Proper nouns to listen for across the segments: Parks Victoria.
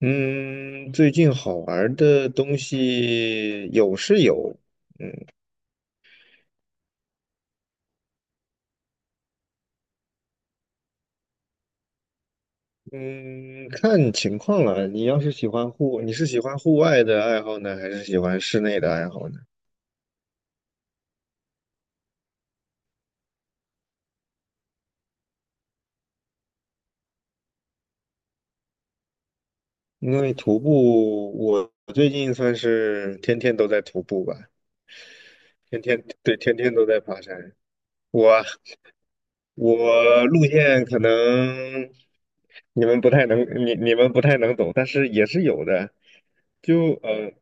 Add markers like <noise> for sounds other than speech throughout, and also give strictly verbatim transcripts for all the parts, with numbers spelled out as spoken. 嗯，最近好玩儿的东西有是有。嗯，看情况了。你要是喜欢户，你是喜欢户外的爱好呢，还是喜欢室内的爱好呢？因为徒步，我我最近算是天天都在徒步吧，天天，对，天天都在爬山。我我路线可能你们不太能，你你们不太能懂，但是也是有的。就呃，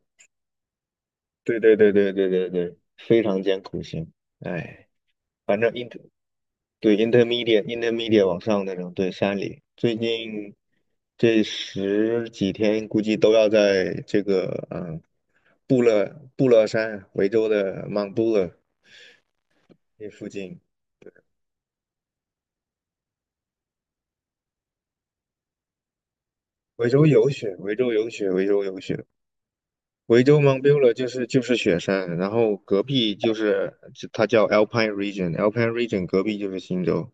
对对对对对对对，非常艰苦型。哎，反正 inter 对 intermediate intermediate 往上那种，对山里最近这十几天估计都要在这个嗯布勒布勒山，维州的 m o u 那附近。维州有雪，维州有雪，维州有雪。维州 m o u 就是就是雪山，然后隔壁就是它叫 Alpine Region，Alpine Region 隔壁就是新州，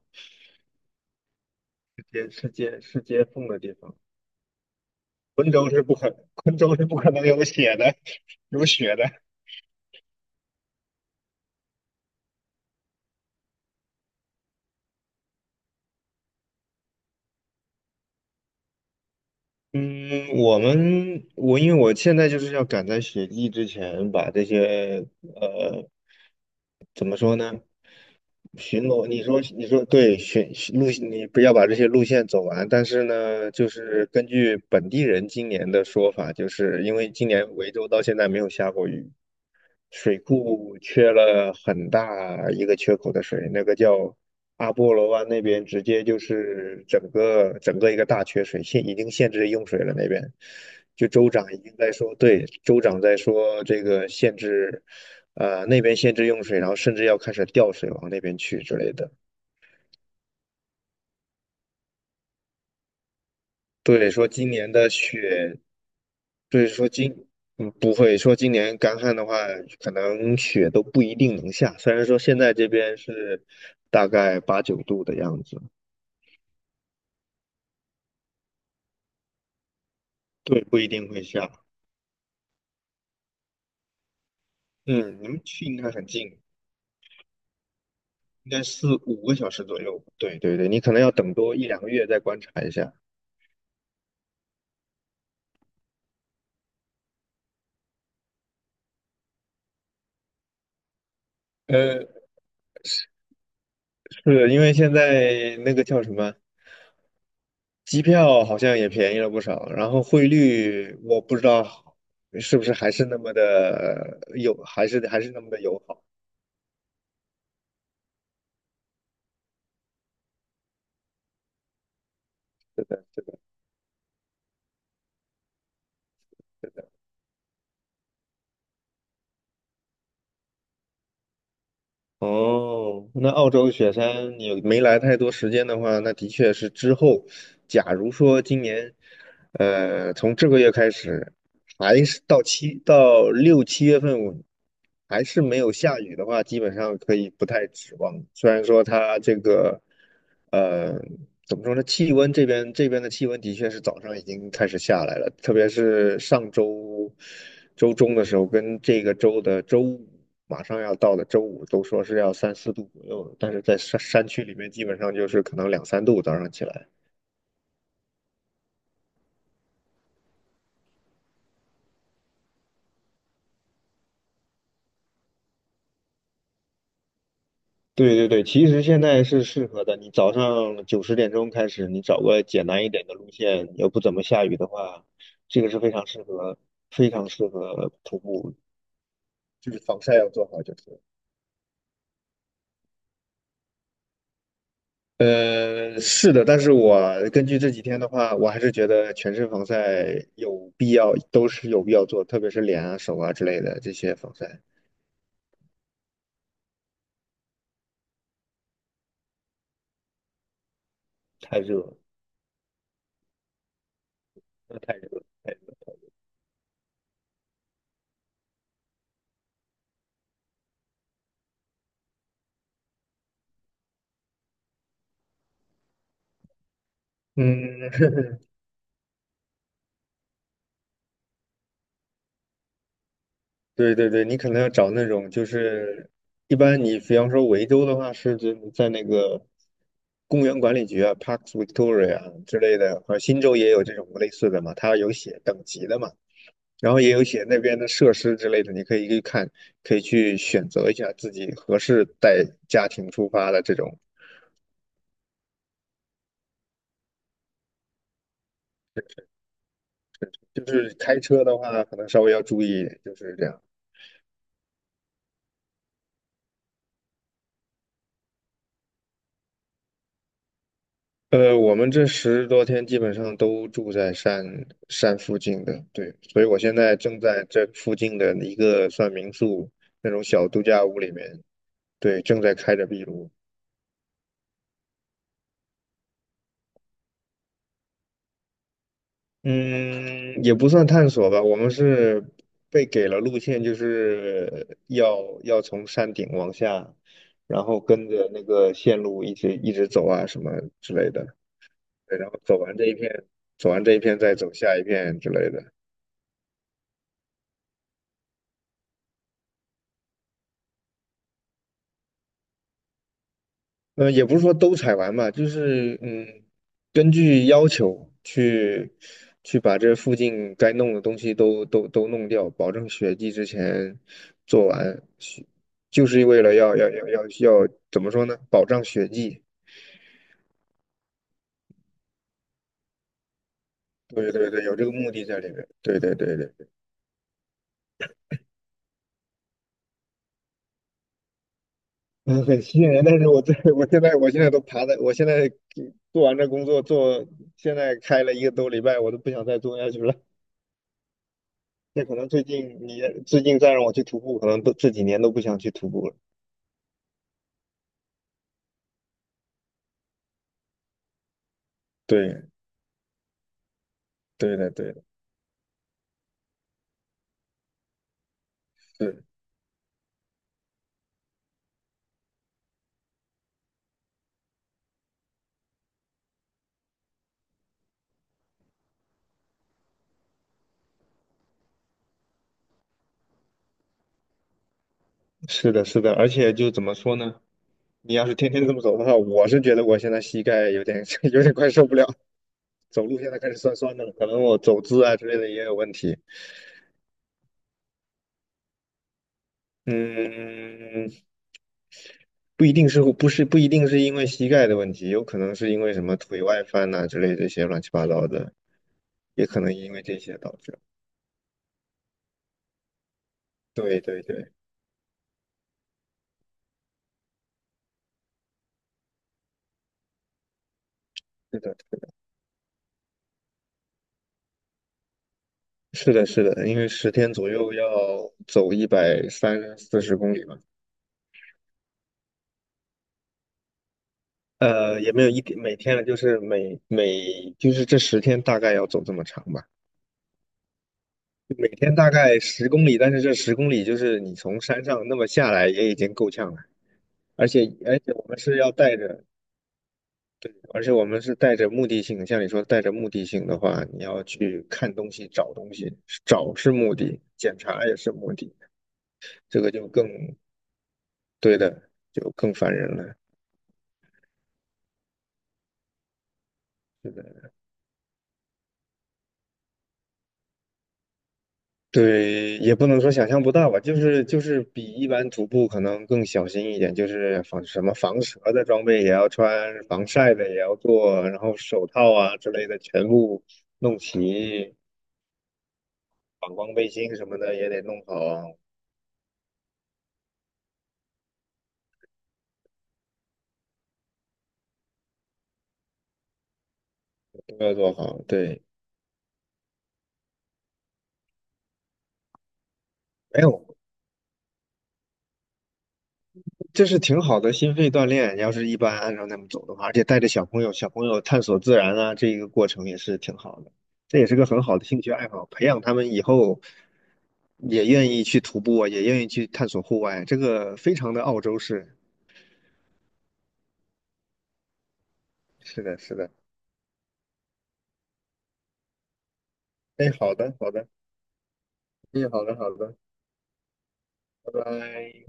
是接是接是接缝的地方。昆州是不可，昆州是不可能有雪的，<laughs> 有雪的。嗯，我们我因为我现在就是要赶在雪季之前把这些。呃怎么说呢？巡逻，你说你说对，巡巡路你不要把这些路线走完。但是呢，就是根据本地人今年的说法，就是因为今年维州到现在没有下过雨，水库缺了很大一个缺口的水，那个叫阿波罗湾那边，直接就是整个整个一个大缺水，限已经限制用水了那边。就州长已经在说，对，州长在说这个限制，呃，那边限制用水，然后甚至要开始调水往那边去之类的。对，说今年的雪，对，说今，嗯，不会说今年干旱的话，可能雪都不一定能下。虽然说现在这边是大概八九度的样子，对，不一定会下。嗯，你们去应该很近，应该四五个小时左右。对对对，你可能要等多一两个月再观察一下。呃，是因为现在那个叫什么？机票好像也便宜了不少，然后汇率我不知道是不是还是那么的友，还是还是那么的友好。哦，那澳洲雪山你没来太多时间的话，那的确是之后，假如说今年，呃，从这个月开始，还是到七到六七月份，我还是没有下雨的话，基本上可以不太指望。虽然说它这个，呃，怎么说呢？气温这边这边的气温的确是早上已经开始下来了，特别是上周周中的时候，跟这个周的周五。马上要到的周五都说是要三四度左右的，但是在山山区里面，基本上就是可能两三度早上起来。对对对，其实现在是适合的。你早上九十点钟开始，你找个简单一点的路线，又不怎么下雨的话，这个是非常适合，非常适合徒步，就是防晒要做好就是。呃，是的，但是我根据这几天的话，我还是觉得全身防晒有必要，都是有必要做，特别是脸啊、手啊之类的这些防晒，太热那太热了，太热了。嗯，<laughs> 对对对，你可能要找那种就是，一般你比方说维州的话，是指你在那个公园管理局啊，Parks Victoria 啊之类的，或者新州也有这种类似的嘛，它有写等级的嘛，然后也有写那边的设施之类的，你可以去看，可以去选择一下自己合适带家庭出发的这种。就是开车的话，可能稍微要注意，就是这样。呃，我们这十多天基本上都住在山山附近的，对，所以我现在正在这附近的一个算民宿那种小度假屋里面，对，正在开着壁炉。嗯，也不算探索吧，我们是被给了路线，就是要要从山顶往下，然后跟着那个线路一直一直走啊什么之类的，对，然后走完这一片，走完这一片再走下一片之类的。嗯，呃也不是说都采完吧，就是嗯，根据要求去去把这附近该弄的东西都都都弄掉，保证血迹之前做完。雪就是为了要要要要要怎么说呢？保障血迹。对对对，有这个目的在里面。对对对对，<laughs> 嗯，很吸引人。但是我在我现在我现在都爬在，我现在做完这工作做，现在开了一个多礼拜，我都不想再做下去了。那可能最近你最近再让我去徒步，可能都这几年都不想去徒步了。对，对的，对的，是，是的，是的。而且就怎么说呢？你要是天天这么走的话，我是觉得我现在膝盖有点 <laughs> 有点快受不了，走路现在开始酸酸的了，可能我走姿啊之类的也有问题。嗯，不一定是不是不一定是因为膝盖的问题，有可能是因为什么腿外翻呐、之类这些乱七八糟的，也可能因为这些导致。对对对，是的，是的，是的，因为十天左右要走一百三四十公里嘛。呃，也没有一天每天了，就是每每就是这十天大概要走这么长吧，每天大概十公里，但是这十公里就是你从山上那么下来也已经够呛了。而且而且我们是要带着，而且我们是带着目的性。像你说带着目的性的话，你要去看东西、找东西，找是目的，检查也是目的。这个就更，对的，就更烦人了。对，也不能说想象不到吧，就是就是比一般徒步可能更小心一点，就是防什么防蛇的装备也要穿，防晒的也要做，然后手套啊之类的全部弄齐，反光背心什么的也得弄好，啊，都要做好。对，没有，这是挺好的心肺锻炼，要是一般按照那么走的话，而且带着小朋友，小朋友探索自然啊，这一个过程也是挺好的，这也是个很好的兴趣爱好，培养他们以后也愿意去徒步啊，也愿意去探索户外，这个非常的澳洲式。是的，是的，哎，好的，好的，哎，好的，好的，拜拜。